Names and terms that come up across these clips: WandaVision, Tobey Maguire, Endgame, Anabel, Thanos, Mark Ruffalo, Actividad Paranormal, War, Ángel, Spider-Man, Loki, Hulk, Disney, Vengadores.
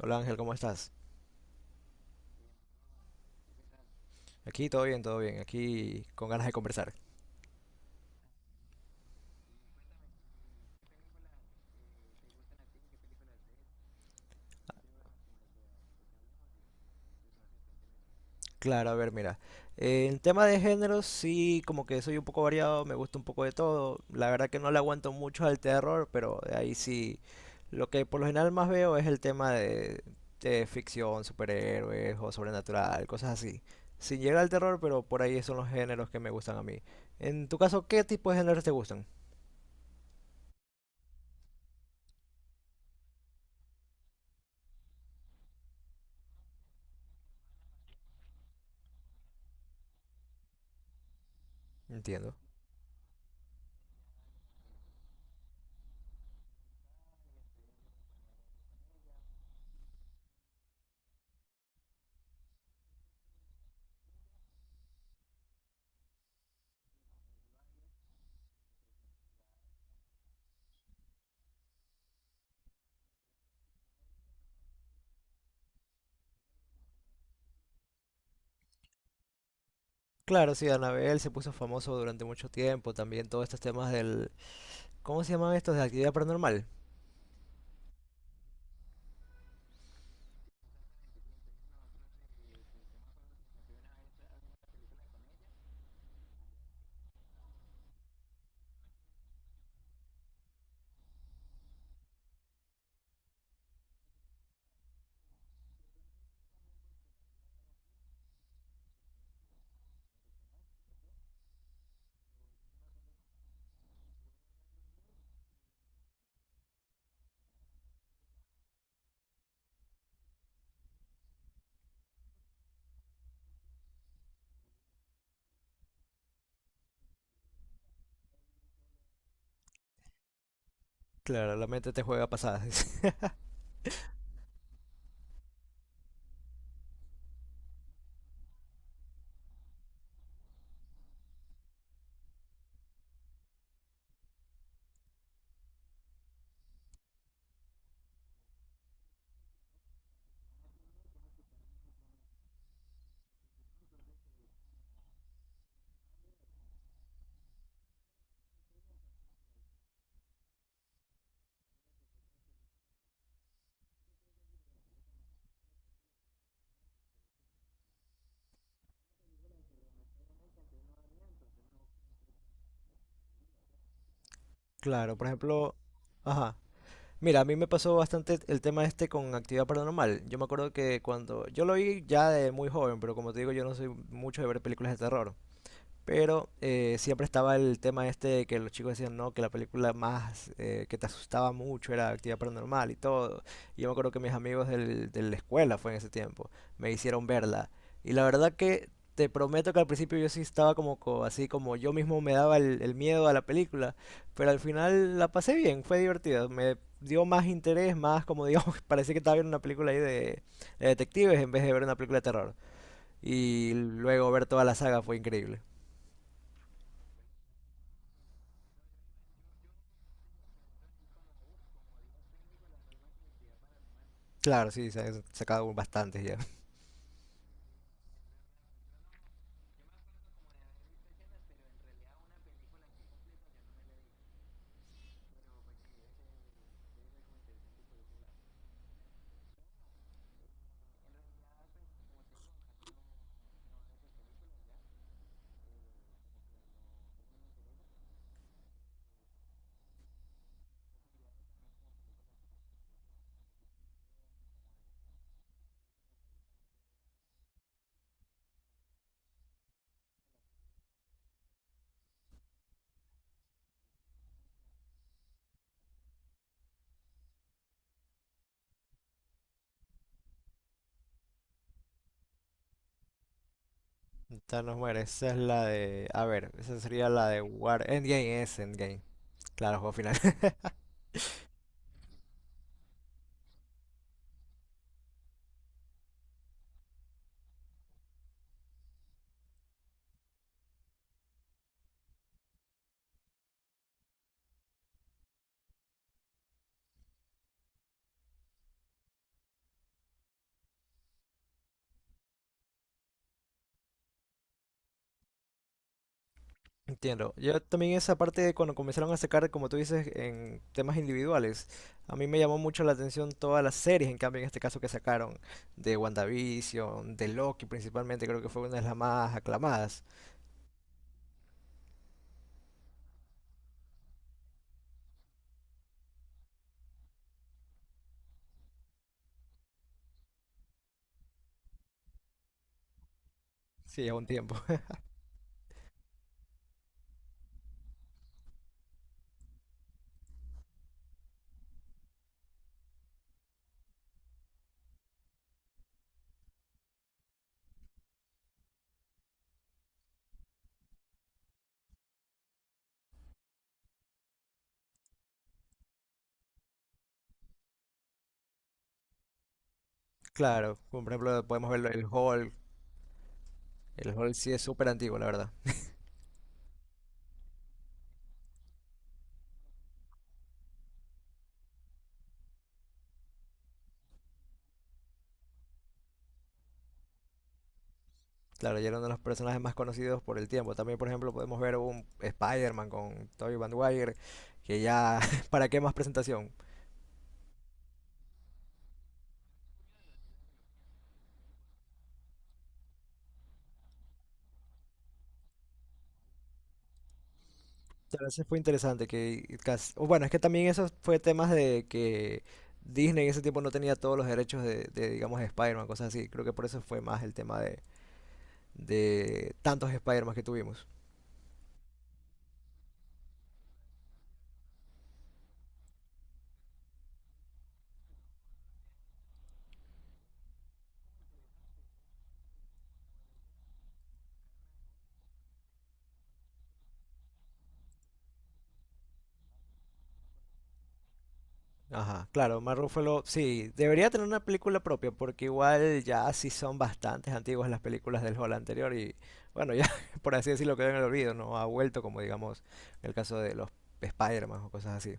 Hola Ángel, ¿cómo estás? Aquí todo bien, aquí con ganas de conversar. Claro, a ver, mira, en tema de géneros sí, como que soy un poco variado, me gusta un poco de todo. La verdad que no le aguanto mucho al terror, pero de ahí sí, lo que por lo general más veo es el tema de ficción, superhéroes o sobrenatural, cosas así. Sin llegar al terror, pero por ahí son los géneros que me gustan a mí. En tu caso, ¿qué tipo de géneros te gustan? Entiendo. Claro, sí, Anabel se puso famoso durante mucho tiempo, también todos estos temas del ¿Cómo se llaman estos de actividad paranormal? Claro, la mente te juega pasadas. Claro, por ejemplo, ajá. Mira, a mí me pasó bastante el tema este con actividad paranormal. Yo me acuerdo que cuando yo lo vi ya de muy joven, pero como te digo, yo no soy mucho de ver películas de terror. Pero siempre estaba el tema este de que los chicos decían, no, que la película más que te asustaba mucho era Actividad Paranormal y todo. Y yo me acuerdo que mis amigos de la escuela, fue en ese tiempo, me hicieron verla. Y la verdad que te prometo que al principio yo sí estaba como así, como yo mismo me daba el miedo a la película. Pero al final la pasé bien, fue divertida. Me dio más interés, más como digo, parecía que estaba viendo una película ahí de detectives en vez de ver una película de terror. Y luego ver toda la saga fue increíble. Claro, sí, se han sacado bastantes ya. Thanos muere. Esa es la de. A ver, esa sería la de War. Endgame es Endgame. Claro, juego final. Entiendo. Yo también esa parte de cuando comenzaron a sacar, como tú dices, en temas individuales, a mí me llamó mucho la atención todas las series, en cambio en este caso que sacaron de WandaVision, de Loki principalmente, creo que fue una de las más aclamadas. Sí, a un tiempo. Claro, como por ejemplo podemos verlo el Hulk. El Hulk sí es súper antiguo, la verdad. Claro, ya era uno de los personajes más conocidos por el tiempo. También, por ejemplo, podemos ver un Spider-Man con Tobey Maguire, que ya, ¿para qué más presentación? Pero eso fue interesante, que o bueno, es que también eso fue temas de que Disney en ese tiempo no tenía todos los derechos de digamos, Spider-Man, cosas así. Creo que por eso fue más el tema de tantos Spider-Man que tuvimos. Ajá, claro, Mark Ruffalo, sí, debería tener una película propia, porque igual ya sí son bastantes antiguas las películas del Hall anterior y bueno, ya por así decirlo quedó en el olvido, no ha vuelto como digamos en el caso de los Spider-Man o cosas así.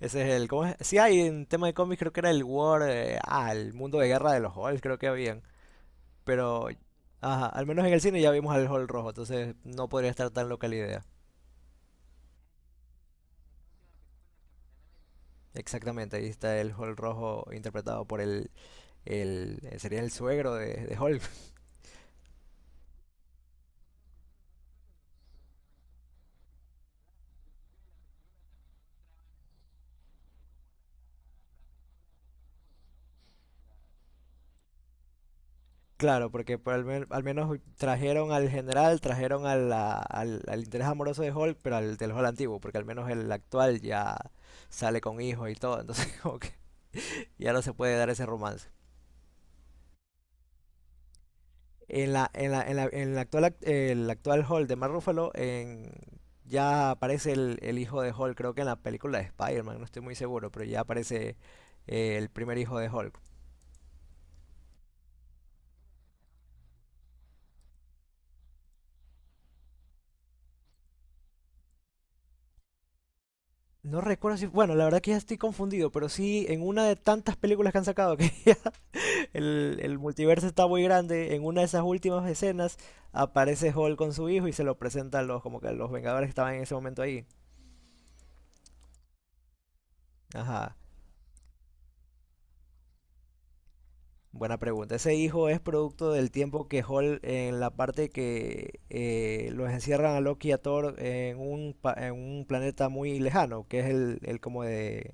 Ese es el, ¿cómo es? Sí hay en tema de cómics, creo que era el War, el mundo de guerra de los Halls, creo que habían, pero ajá, al menos en el cine ya vimos al Hall rojo, entonces no podría estar tan loca la idea. Exactamente, ahí está el Hall rojo interpretado por el sería el suegro de Hulk. Claro, porque por al menos trajeron al general, trajeron a al, al interés amoroso de Hulk, pero al del Hulk antiguo, porque al menos el actual ya sale con hijos y todo, entonces como que ya no se puede dar ese romance. En la actual, el actual Hulk de Mark Ruffalo, en, ya aparece el hijo de Hulk, creo que en la película de Spider-Man, no estoy muy seguro, pero ya aparece el primer hijo de Hulk. No recuerdo si, bueno, la verdad que ya estoy confundido, pero sí en una de tantas películas que han sacado que el multiverso está muy grande. En una de esas últimas escenas aparece Hulk con su hijo y se lo presenta a los, como que a los Vengadores que estaban en ese momento ahí. Ajá. Buena pregunta. Ese hijo es producto del tiempo que Hulk en la parte que los encierran a Loki y a Thor en un, en un planeta muy lejano, que es el como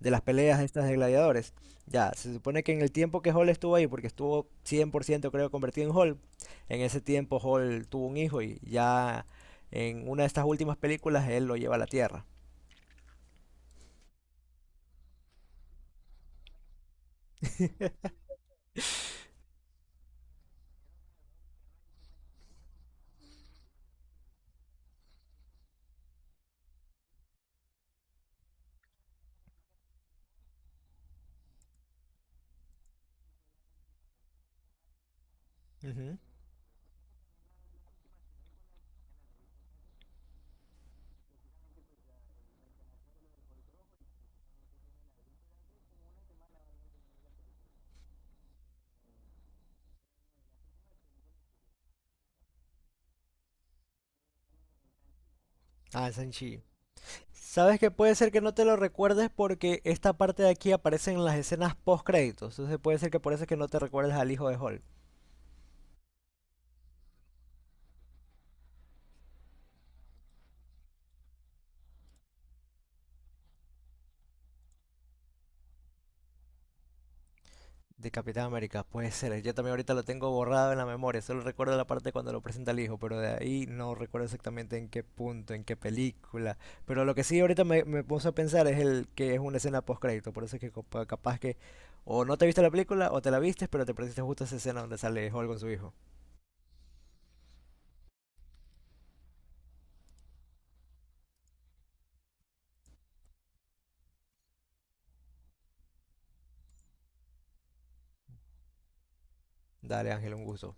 de las peleas estas de gladiadores. Ya, se supone que en el tiempo que Hall estuvo ahí, porque estuvo 100% creo convertido en Hall, en ese tiempo Hall tuvo un hijo y ya en una de estas últimas películas él lo lleva a la Tierra. Ujú. Ah, Sanchi. Sabes que puede ser que no te lo recuerdes porque esta parte de aquí aparece en las escenas post créditos, entonces puede ser que por eso es que no te recuerdes al hijo de Hall. De Capitán América, puede ser. Yo también ahorita lo tengo borrado en la memoria. Solo recuerdo la parte cuando lo presenta el hijo, pero de ahí no recuerdo exactamente en qué punto, en qué película. Pero lo que sí ahorita me, me puse a pensar es el que es una escena post-crédito. Por eso es que capaz que o no te viste la película o te la viste, pero te perdiste justo esa escena donde sale Hulk con su hijo. Dale, Ángel, un gusto.